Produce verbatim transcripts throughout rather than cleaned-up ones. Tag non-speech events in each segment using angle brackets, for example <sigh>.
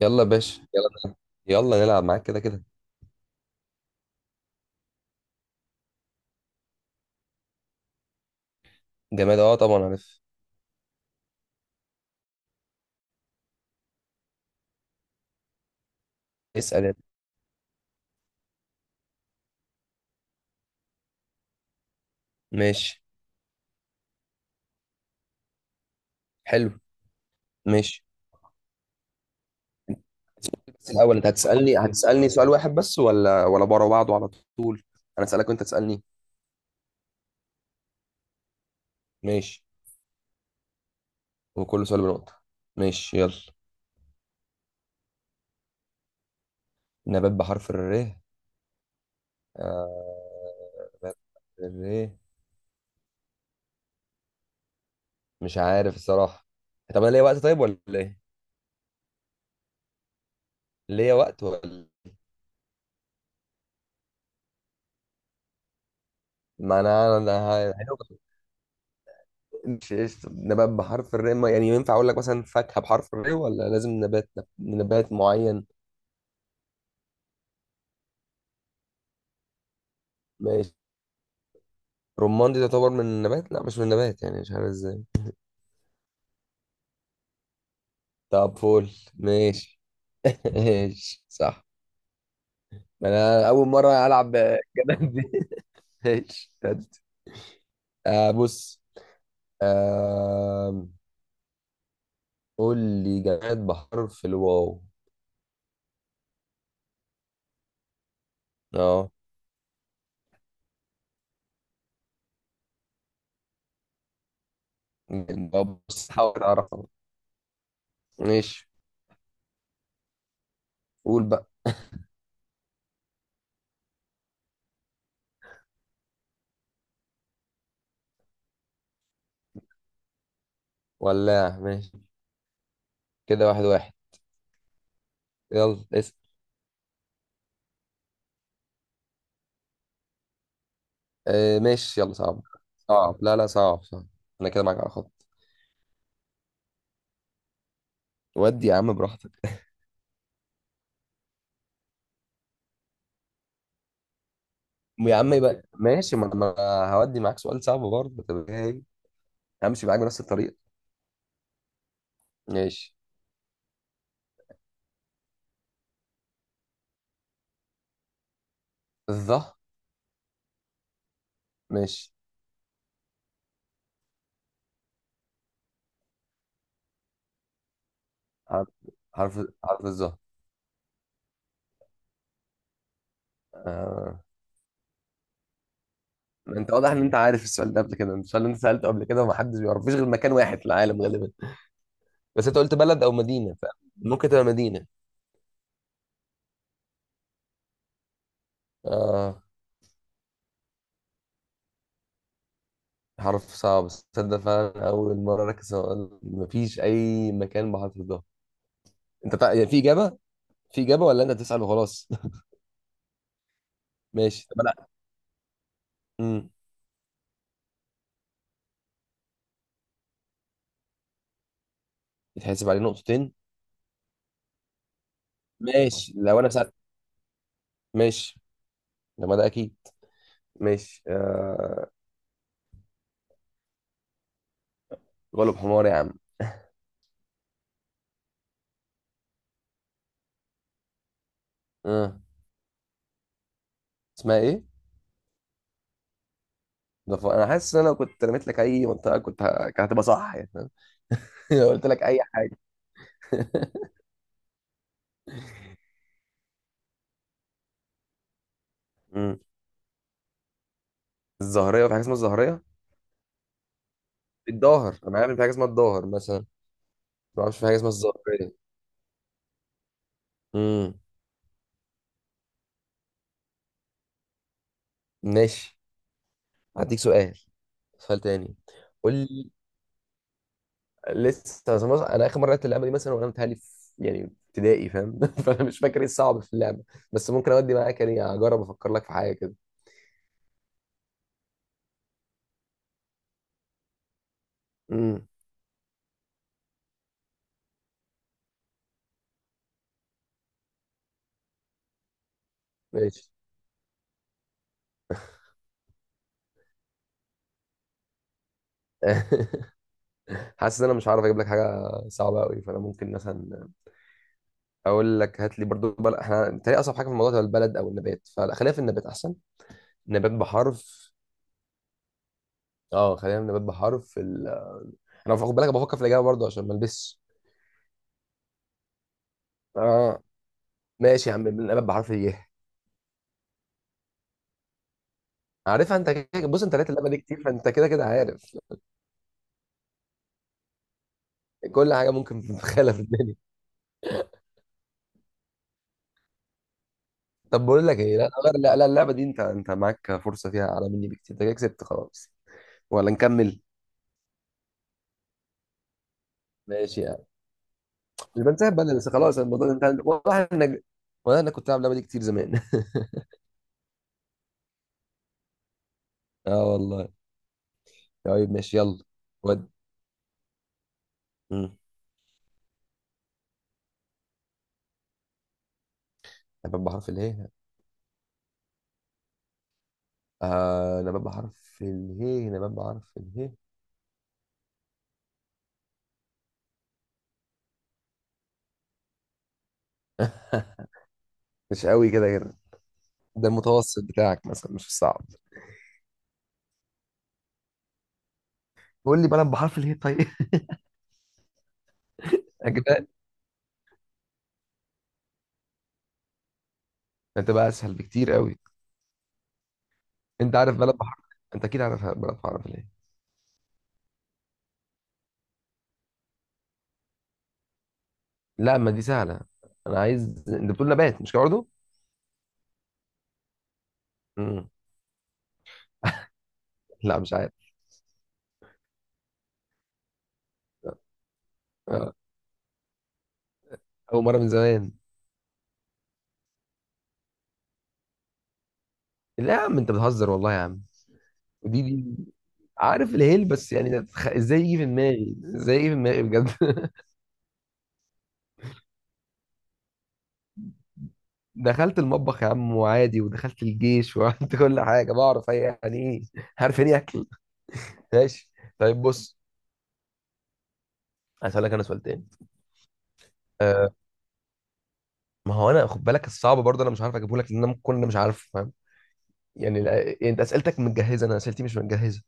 يلا يا باشا، يلا نلعب. يلا نلعب معاك كده كده. جماد، اه طبعا عارف. اسأل يلا. ماشي. حلو. ماشي. بس الأول أنت هتسألني هتسألني سؤال واحد بس، ولا ولا بره بعضه على طول؟ أنا أسألك وأنت تسألني. ماشي، وكل سؤال بنقطة. ماشي يلا. نبات بحرف الر. آه... نبات بحرف الر، مش عارف الصراحة. طب أنا ليا وقت طيب ولا إيه؟ ليا وقت ولا؟ ما أنا أنا مش قشطة. نبات بحرف الراء، ما- يعني ينفع أقول لك مثلا فاكهة بحرف الراء، ولا لازم نبات، نب- نبات معين؟ ماشي. رمان دي تعتبر من النبات؟ لا مش من النبات، يعني مش عارف ازاي. طب فول ماشي. <laughs> ماشي صح. أنا أول مرة ألعب الجدل دي. <laughs> ماشي تد. آه بص. آه. قول لي جماد بحرف الواو. اه. طب بص، حاول أعرفها. ماشي. قول بقى. ولا، ماشي. كده واحد واحد. يلا اسأل. آه ماشي، يلا صعب. صعب، لا لا، صعب صعب. انا كده معاك على خط. ودي يا عم براحتك. يا عم يبقى ماشي، ما انا هودي معاك سؤال صعب برضه، طب ايه. همشي معاك بنفس الطريقه. ماشي. الظه. ماشي. حرف حرف حرف الظه. آه. انت واضح ان انت عارف السؤال ده قبل كده، السؤال اللي انت سالته قبل كده ومحدش بيعرف فيش غير مكان واحد في العالم غالبا. بس انت قلت بلد او مدينه، فممكن تبقى مدينه. آه. حرف صعب. تصدق فعلا اول مره ركز، مفيش اي مكان بحرف الظه. انت بتاع... يعني في اجابه، في اجابه ولا انت تسال وخلاص؟ <laughs> ماشي طب انا. امم يتحسب عليه نقطتين. ماشي لو انا سالت. ماشي. لما ده اكيد. ماشي آه... غلب حمار يا عم. آه. اسمها ايه؟ ضف- انا حاسس ان انا كنت رميت لك اي منطقه كنت ه- كانت هتبقى صح، يعني فاهم؟ <laughs> لو قلت لك اي حاجه. <laughs> امم الظهريه، في حاجه اسمها الظهريه؟ الظاهر، انا عارف إن في حاجه اسمها الظاهر مثلا. ما اعرفش، في حاجه اسمها الظهريه. امم ماشي. هديك سؤال. سؤال تاني. قول لي. لسه زي ما بص- انا اخر مره لعبت اللعبه دي مثلا وانا متهيألي في، يعني ابتدائي، فاهم؟ <laughs> فانا مش فاكر ايه الصعب في اللعبه. بس ممكن اودي معاك، يعني اجرب افكر لك في حاجه كده. امم ماشي. <laughs> حاسس ان انا مش هعرف اجيب لك حاجه صعبه قوي، فانا ممكن مثلا اقول لك هات لي برضو بل... احنا بتهيألي اصعب حاجه في الموضوع ده البلد او النبات، فخلينا في النبات احسن. نبات بحرف، اه خلينا في النبات بحرف ال... انا خد بالك بفكر في الاجابه برضو عشان ما البسش. اه. ماشي يا عم، النبات بحرف ايه؟ عارفها انت، كده- بص انت لقيت اللعبه دي كتير، فانت كده كده عارف كل حاجه ممكن تتخيلها في الدنيا. طب بقول لك ايه، لا غير، لا لا اللعبه دي انت انت معاك فرصه فيها اعلى مني بكتير، انت كده كسبت خلاص. ولا نكمل؟ ماشي يعني. مش بنسحب بدل بس خلاص الموضوع، انت والله انا، والله انا كنت العب اللعبه دي كتير زمان. <laughs> اه والله. طيب ماشي يلا. ود. مم. نبات بحرف اله. آه، نبات بحرف اله، نبات بحرف اله. <laughs> مش قوي كده كده. ده المتوسط بتاعك مثلا مش الصعب. قول لي بلد بحرف اله طيب. <laughs> اجبال. هتبقى اسهل بكتير قوي. انت عارف بلد بحر، انت اكيد عارف بلد بحر في، ليه؟ لا ما دي سهله. انا عايز، انت بتقول نبات مش كده برضه. امم لا مش عارف. آه، اول مره من زمان. لا يا عم انت بتهزر والله يا عم. ودي دي. عارف الهيل بس، يعني ده تخ- ازاي يجي في دماغي، ازاي يجي في دماغي بجد. <laughs> دخلت المطبخ يا عم وعادي، ودخلت الجيش <laughs> وعملت كل حاجه، بعرف هي- يعني ايه. عارف يعني إيه اكل. ماشي. طيب بص، هسألك انا سؤال تاني. أه. ما هو انا خد بالك الصعب برضه انا مش عارف اجيبه لك، لان انا ممكن انا مش عارف. يعني لا- يعني انت اسئلتك متجهزه، انا اسئلتي مش متجهزه.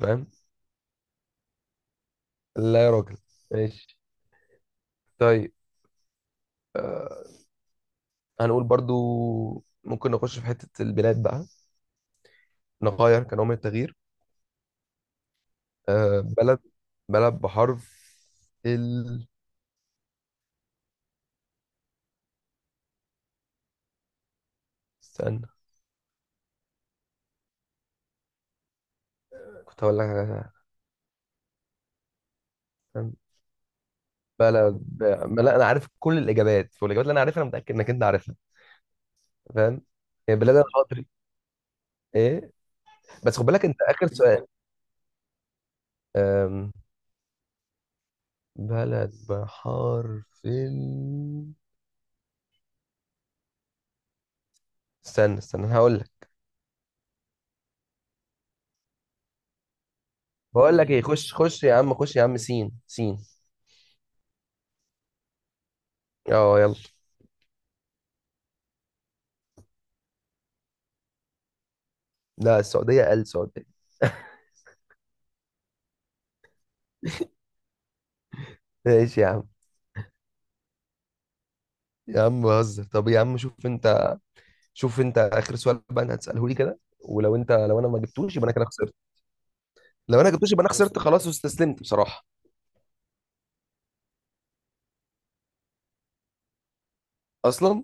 فاهم؟ لا يا راجل. ماشي. طيب. آه، هنقول برضو، ممكن نخش في حته البلاد بقى، نغير كنوع من التغيير. آه، بلد بلد بحرف ال. استنى. كنت هقول لك على- بلد ب... ما لا، انا عارف كل الاجابات، والاجابات اللي انا عارفها انا متاكد انك انت عارفها. فاهم؟ هي بلاد الحضري. ايه. بس خد بالك انت اخر سؤال. أم... بلد بحرف ال. استنى استنى هقول. بقول لك ايه، خش خش يا عم خش يا عم، سين سين. اه يلا. لا السعودية؟ قال السعودية. <laughs> ماشي يا عم. يا عم بهزر. طب يا عم شوف انت، شوف انت اخر سؤال بقى انا هتساله لي كده، ولو انت لو انا ما جبتوش يبقى انا كده خسرت. لو انا جبتوش يبقى انا خسرت خلاص، واستسلمت بصراحة. اصلا.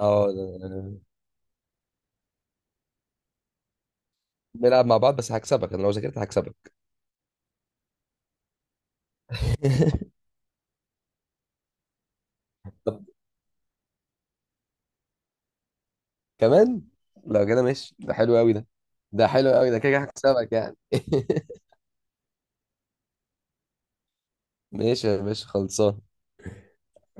اه ده- نلعب مع بعض بس هكسبك، انا لو ذاكرت هكسبك. <laughs> طب كمان. لو كده ماشي، ده حلو قوي ده. ده حلو قوي ده، كده كده هكسبك يعني. <laughs> ماشي يا باشا، خلصان.